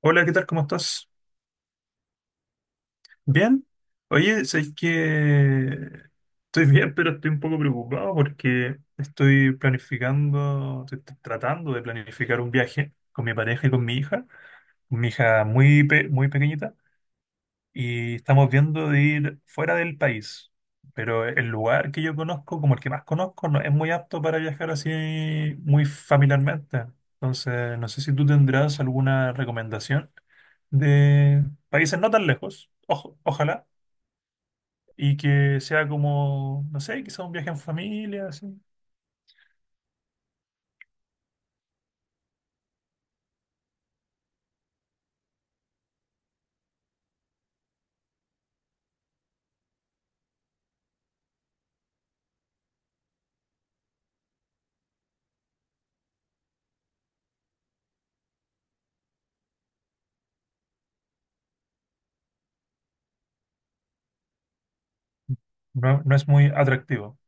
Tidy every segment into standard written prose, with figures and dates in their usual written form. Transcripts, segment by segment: Hola, ¿qué tal? ¿Cómo estás? ¿Bien? Oye, sabéis que estoy bien, pero estoy un poco preocupado porque estoy planificando, tratando de planificar un viaje con mi pareja y con mi hija, muy pequeñita. Y estamos viendo de ir fuera del país. Pero el lugar que yo conozco, como el que más conozco, no es muy apto para viajar así muy familiarmente. Entonces, no sé si tú tendrás alguna recomendación de países no tan lejos, ojalá, y que sea como, no sé, quizá un viaje en familia, así. No, no es muy atractivo.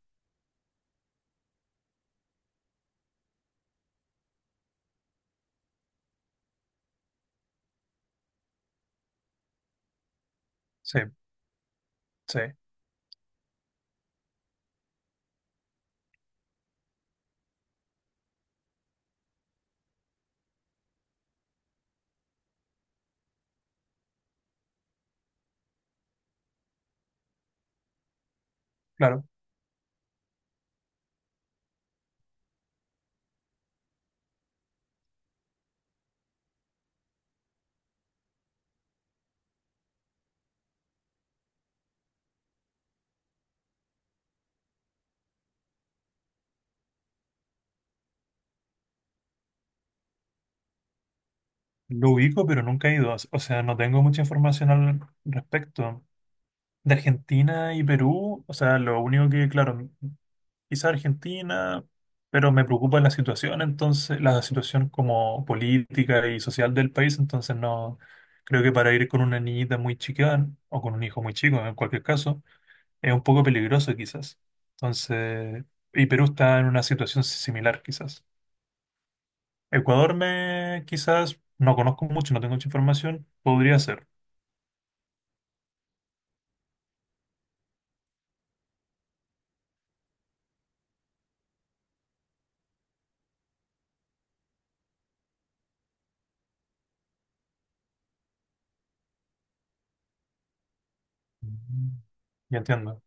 Sí, sí, claro. Lo ubico, pero nunca he ido. O sea, no tengo mucha información al respecto. De Argentina y Perú, o sea, lo único que, claro, quizá Argentina, pero me preocupa la situación, entonces, la situación como política y social del país, entonces no, creo que para ir con una niñita muy chica o con un hijo muy chico, en cualquier caso, es un poco peligroso quizás. Entonces, y Perú está en una situación si, similar quizás. Ecuador me, quizás, no conozco mucho, no tengo mucha información, podría ser. Mm. Ya entiendo.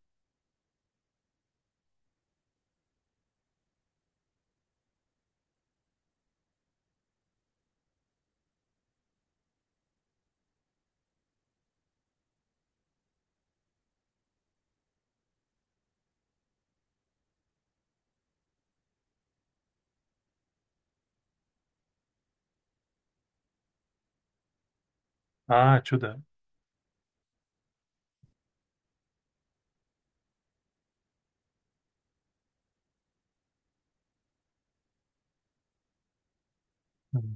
Ah, chuta. Mm.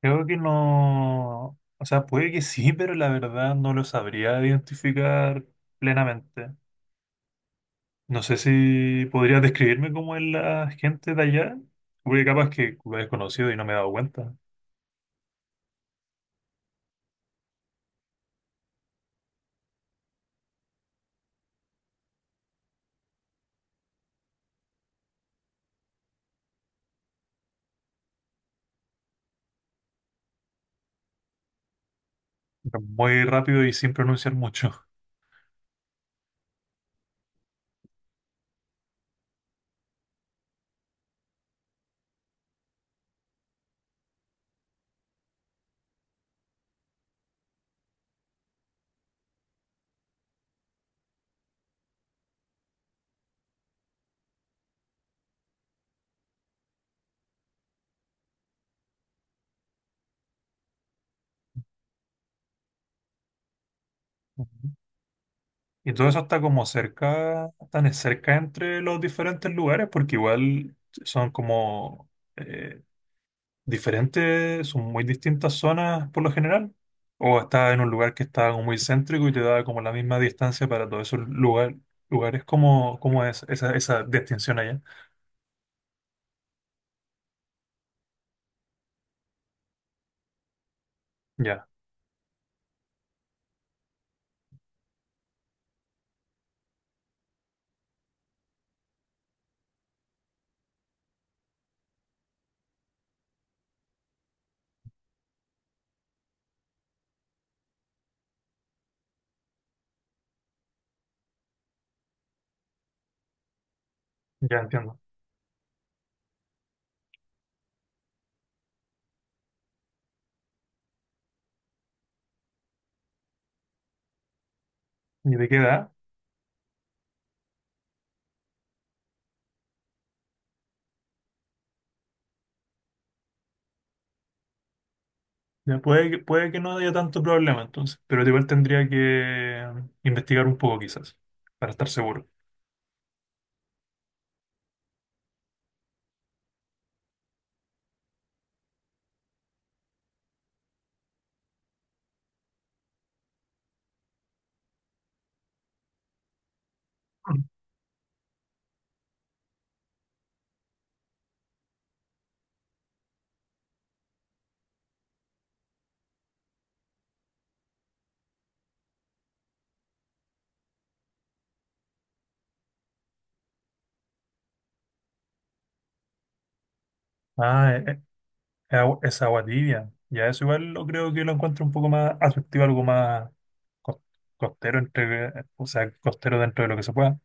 Creo que no, o sea, puede que sí, pero la verdad no lo sabría identificar plenamente. No sé si podrías describirme cómo es la gente de allá, porque capaz que lo he desconocido y no me he dado cuenta. Muy rápido y sin pronunciar mucho. Ujú. Y todo eso está como cerca, tan cerca entre los diferentes lugares, porque igual son como eh, diferentes, son muy distintas zonas por lo general, o estás en un lugar que está como muy céntrico y te da como la misma distancia para todos esos lugares, ¿cómo es esa distinción allá? Ya, ya entiendo. ¿Y de qué edad? Ya puede, puede que no haya tanto problema entonces, pero igual tendría que investigar un poco quizás, para estar seguro. Ah, es agua, es agua tibia. Ya eso igual lo creo que lo encuentro un poco más atractivo, algo más cos- costero entre, o sea, costero dentro de lo que se pueda.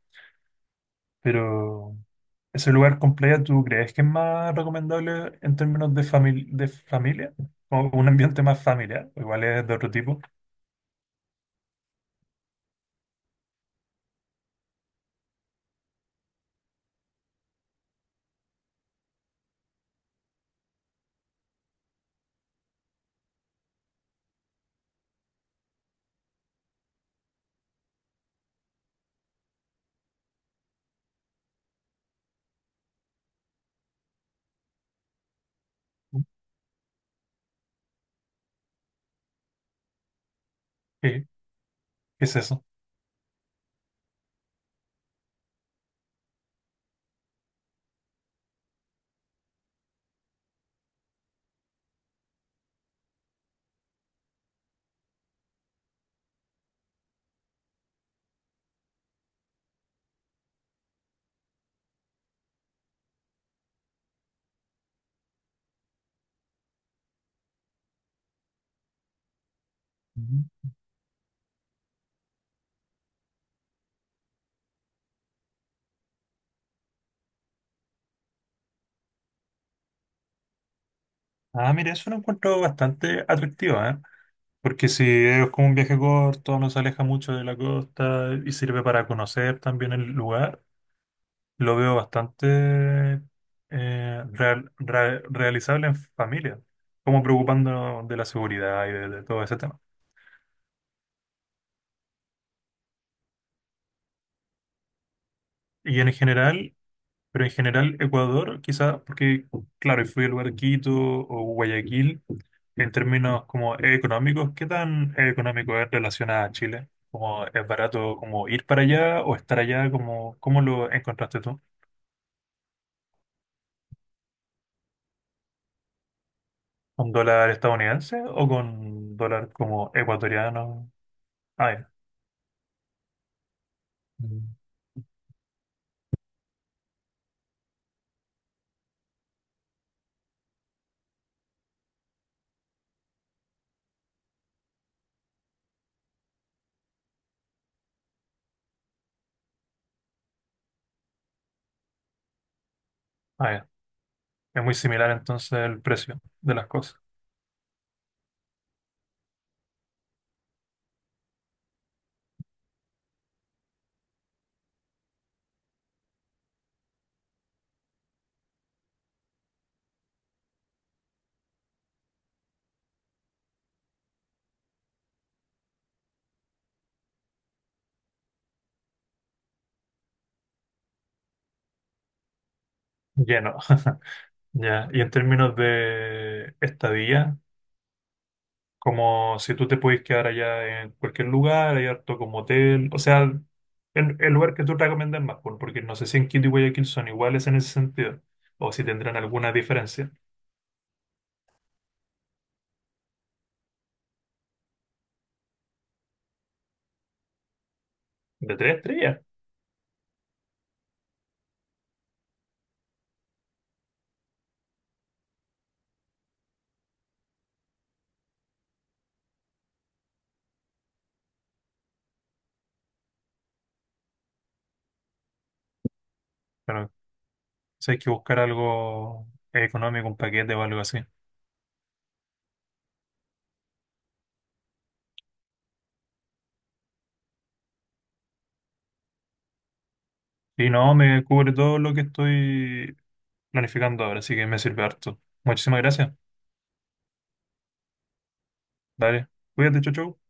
Pero ese lugar con playa, ¿tú crees que es más recomendable en términos de familia? O un ambiente más familiar, o igual es de otro tipo. ¿Qué, qué es eso? Ujú. Ah, mira, eso lo encuentro bastante atractivo, ¿eh? Porque si es como un viaje corto, no se aleja mucho de la costa y sirve para conocer también el lugar. Lo veo bastante realizable en familia, como preocupándonos de la seguridad y de todo ese tema. Y en general, pero en general Ecuador, quizás, porque claro, y fui al lugar Quito o Guayaquil, en términos como económicos, ¿qué tan económico es relación a Chile? Como es barato como ir para allá o estar allá? Como cómo lo encontraste tú? ¿Con dólar estadounidense o con dólar como ecuatoriano? Ah, ya. Mm. Ah, ya. Es muy similar entonces el precio de las cosas. Lleno. Ya. Y en términos de estadía, como si tú te puedes quedar allá en cualquier lugar, hay harto como hotel, o sea, el lugar que tú recomiendas más, porque no sé si en Quito y Guayaquil son iguales en ese sentido, o si tendrán alguna diferencia. De tres estrellas. Pero si hay que buscar algo económico, un paquete o algo así. Y no, me cubre todo lo que estoy planificando ahora, así que me sirve harto. Muchísimas gracias. Dale, cuídate, chau, chau.